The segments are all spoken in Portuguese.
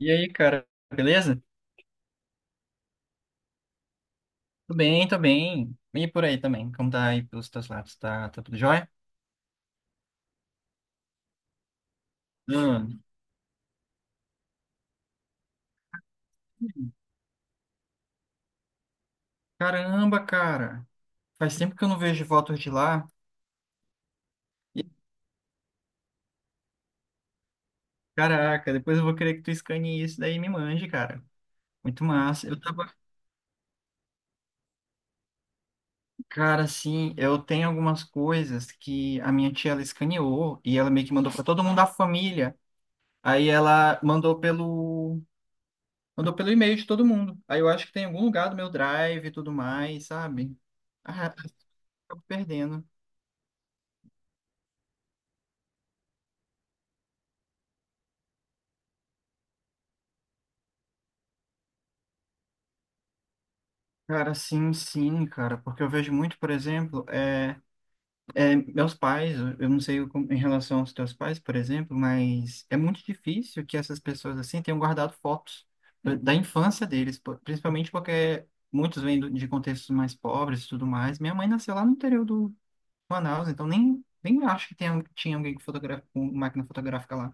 E aí, cara, beleza? Tudo bem, tô bem. E por aí também, como tá aí pelos teus lados? Tá tudo jóia? Hum. Caramba, cara, faz tempo que eu não vejo fotos de lá. E, caraca, depois eu vou querer que tu escane isso daí e me mande, cara. Muito massa. Eu tava, cara, assim, eu tenho algumas coisas que a minha tia ela escaneou e ela meio que mandou pra todo mundo da família. Aí ela mandou pelo Mandou pelo e-mail de todo mundo. Aí eu acho que tem em algum lugar do meu drive e tudo mais, sabe? Ah, acabo perdendo. Cara, sim, sim, cara, porque eu vejo muito, por exemplo, meus pais, eu não sei em relação aos teus pais, por exemplo, mas é muito difícil que essas pessoas assim tenham guardado fotos da infância deles, principalmente porque muitos vêm de contextos mais pobres e tudo mais. Minha mãe nasceu lá no interior do Manaus, então nem acho que tinha alguém com com máquina fotográfica lá.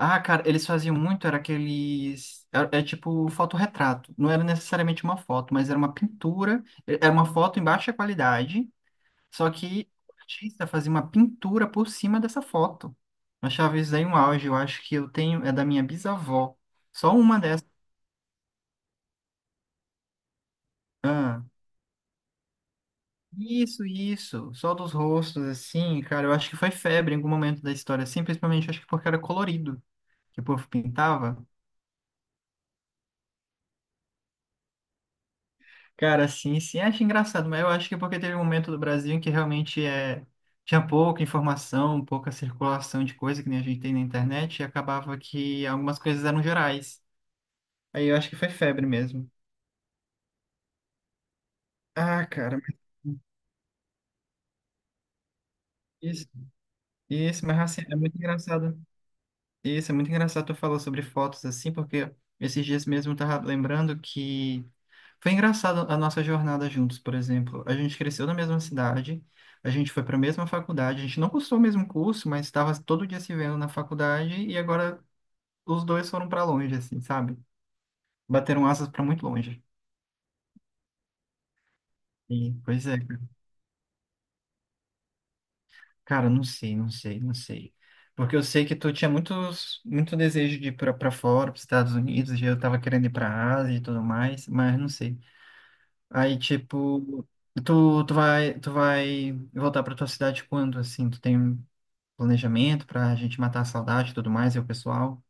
Ah, cara, eles faziam muito, era aqueles. É tipo fotorretrato. Não era necessariamente uma foto, mas era uma pintura. Era uma foto em baixa qualidade, só que o artista fazia uma pintura por cima dessa foto. Eu achava isso aí um auge. Eu acho que eu tenho. É da minha bisavó. Só uma dessas. Ah, isso. Só dos rostos, assim, cara. Eu acho que foi febre em algum momento da história, assim, principalmente acho que porque era colorido, que o povo pintava. Cara, sim, sim, acho engraçado, mas eu acho que é porque teve um momento do Brasil em que realmente é, tinha pouca informação, pouca circulação de coisa que nem a gente tem na internet, e acabava que algumas coisas eram gerais. Aí eu acho que foi febre mesmo. Ah, cara, isso, isso, mas assim, é muito engraçado. Isso, é muito engraçado tu falou sobre fotos assim, porque esses dias mesmo eu tava lembrando que foi engraçado a nossa jornada juntos, por exemplo. A gente cresceu na mesma cidade, a gente foi para a mesma faculdade, a gente não cursou o mesmo curso, mas estava todo dia se vendo na faculdade e agora os dois foram para longe, assim, sabe? Bateram asas para muito longe. E, pois é, cara, cara, não sei. Porque eu sei que tu tinha muito desejo de ir para fora, para os Estados Unidos, e eu tava querendo ir para a Ásia e tudo mais, mas não sei. Aí, tipo, tu vai voltar para tua cidade quando, assim? Tu tem planejamento para a gente matar a saudade e tudo mais, e o pessoal.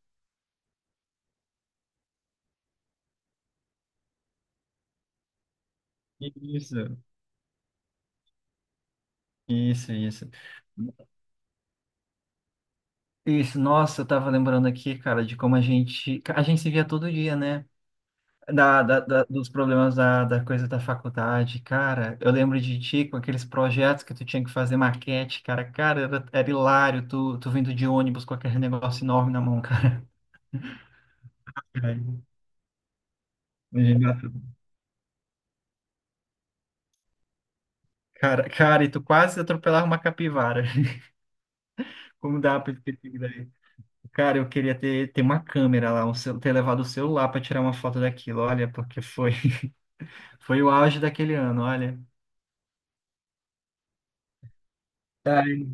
Isso, isso. Isso, nossa, eu tava lembrando aqui, cara, de como a gente se via todo dia, né? Dos problemas da coisa da faculdade, cara. Eu lembro de ti com aqueles projetos que tu tinha que fazer maquete, cara. Cara, era hilário tu vindo de ônibus com aquele negócio enorme na mão, cara. Ai, imagina. Cara, e tu quase atropelava uma capivara. Como dá a perspectiva. Cara, eu queria ter uma câmera lá, ter levado o celular para tirar uma foto daquilo, olha, porque foi, foi o auge daquele ano, olha. Ai,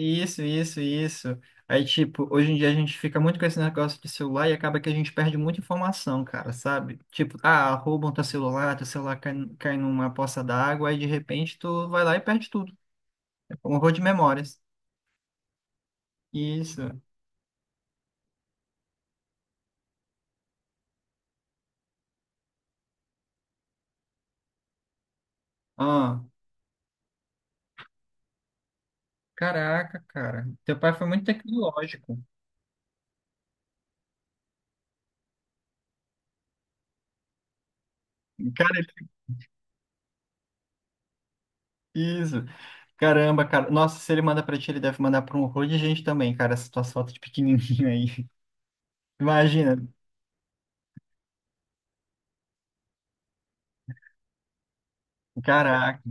Isso. Aí, tipo, hoje em dia a gente fica muito com esse negócio de celular e acaba que a gente perde muita informação, cara, sabe? Tipo, ah, roubam teu celular cai numa poça d'água, aí de repente tu vai lá e perde tudo. É um horror de memórias. Isso. Ah, caraca, cara. Teu pai foi muito tecnológico. Cara, isso. Caramba, cara. Nossa, se ele manda pra ti, ele deve mandar pra um horror de gente também, cara, essa tua foto de pequenininho aí. Imagina. Caraca,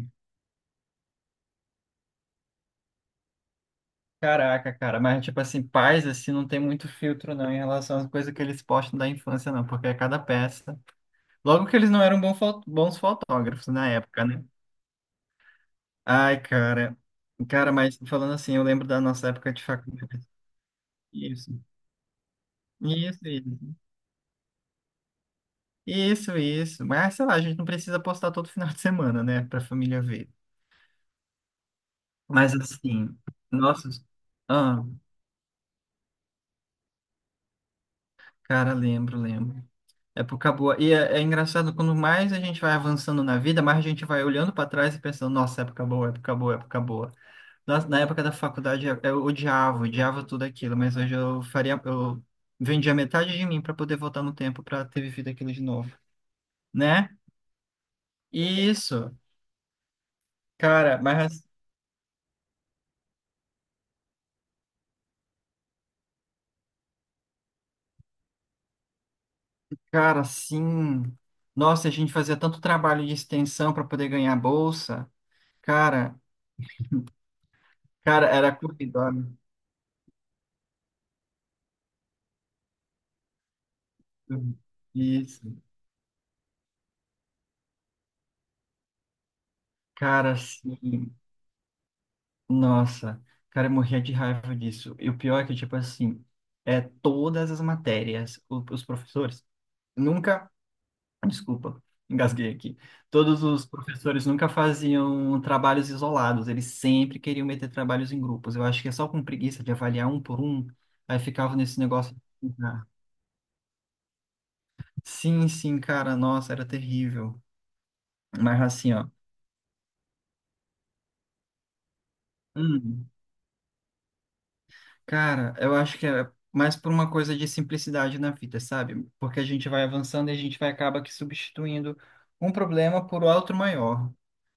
caraca, cara. Mas, tipo assim, pais, assim, não tem muito filtro, não, em relação às coisas que eles postam da infância, não, porque é cada peça. Logo que eles não eram bons fotógrafos na época, né? Ai, cara. Cara, mas falando assim, eu lembro da nossa época de faculdade. Isso. Isso, isso. Isso. Mas, sei lá, a gente não precisa postar todo final de semana, né, pra família ver. Mas assim, nossa, ah, cara, lembro. Época boa. E é engraçado, quando mais a gente vai avançando na vida, mais a gente vai olhando para trás e pensando, nossa, época boa. Nossa, na época da faculdade eu odiava tudo aquilo, mas hoje eu faria, eu vendia metade de mim para poder voltar no tempo para ter vivido aquilo de novo, né? Isso, cara, mas, cara, sim. Nossa, a gente fazia tanto trabalho de extensão para poder ganhar bolsa. Cara, cara, era corredor. Isso. Cara, assim, nossa. Cara, eu morria de raiva disso. E o pior é que, tipo assim, é todas as matérias, os professores nunca, desculpa, engasguei aqui. Todos os professores nunca faziam trabalhos isolados, eles sempre queriam meter trabalhos em grupos. Eu acho que é só com preguiça de avaliar um por um, aí ficava nesse negócio de ficar. Sim, sim, cara, nossa, era terrível. Mas assim, ó. Hum, cara, eu acho que é mais por uma coisa de simplicidade na vida, sabe? Porque a gente vai avançando e a gente vai acaba que substituindo um problema por outro maior.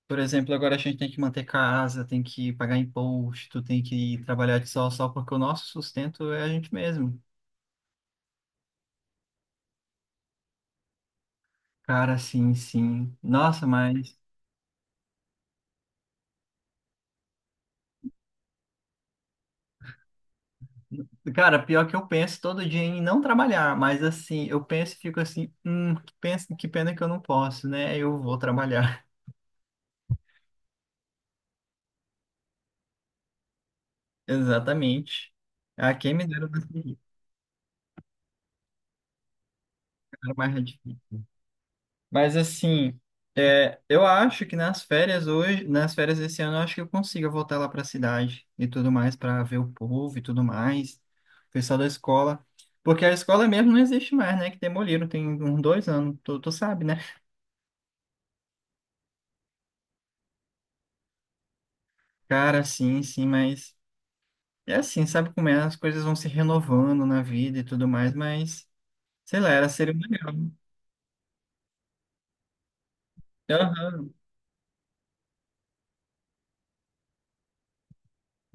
Por exemplo, agora a gente tem que manter casa, tem que pagar imposto, tem que trabalhar de sol a sol, porque o nosso sustento é a gente mesmo. Cara, sim, sim. Nossa, mas. Cara, pior que eu penso todo dia em não trabalhar, mas assim, eu penso e fico assim, que pena que eu não posso, né? Eu vou trabalhar. Exatamente. Ah, quem me dera. Era mais difícil. Mas assim, é, eu acho que nas férias hoje, nas férias desse ano, eu acho que eu consigo voltar lá para a cidade e tudo mais para ver o povo e tudo mais, o pessoal da escola, porque a escola mesmo não existe mais, né? Que demoliram tem uns dois anos, tu sabe, né? Cara, sim, sim, mas é assim, sabe como é? As coisas vão se renovando na vida e tudo mais, mas sei lá, era ser legal. Aham.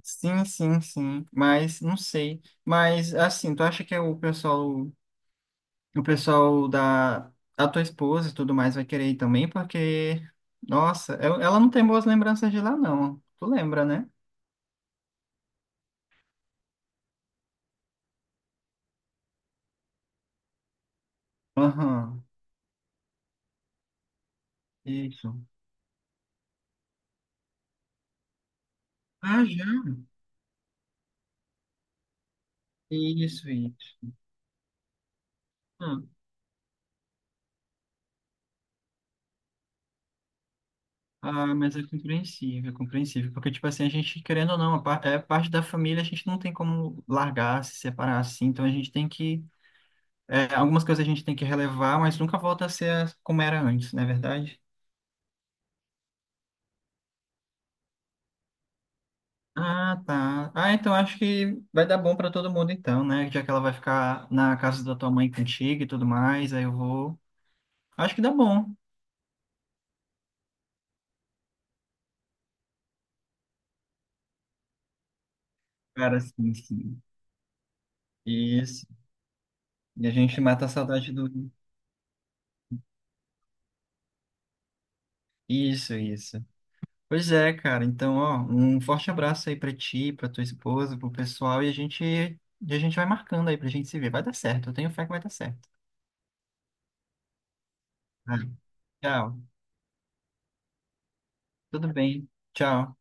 Sim, mas não sei. Mas assim, tu acha que é o pessoal da tua esposa e tudo mais vai querer ir também, porque, nossa, ela não tem boas lembranças de lá, não. Tu lembra, né? Aham, isso. Ah, já? Isso, isso. Ah, mas é é compreensível. Porque, tipo assim, a gente, querendo ou não, é parte da família, a gente não tem como largar, se separar assim. Então a gente tem que. É, algumas coisas a gente tem que relevar, mas nunca volta a ser como era antes, não é verdade? Ah, tá. Ah, então acho que vai dar bom pra todo mundo então, né? Já que ela vai ficar na casa da tua mãe contigo e tudo mais, aí eu vou. Acho que dá bom. Cara, sim, sim. Isso. E a gente mata a saudade do. Isso, isso. Pois é, cara. Então, ó, um forte abraço aí pra ti, pra tua esposa, pro pessoal e e a gente vai marcando aí pra gente se ver. Vai dar certo. Eu tenho fé que vai dar certo. Vai. Tchau. Tudo bem. Tchau.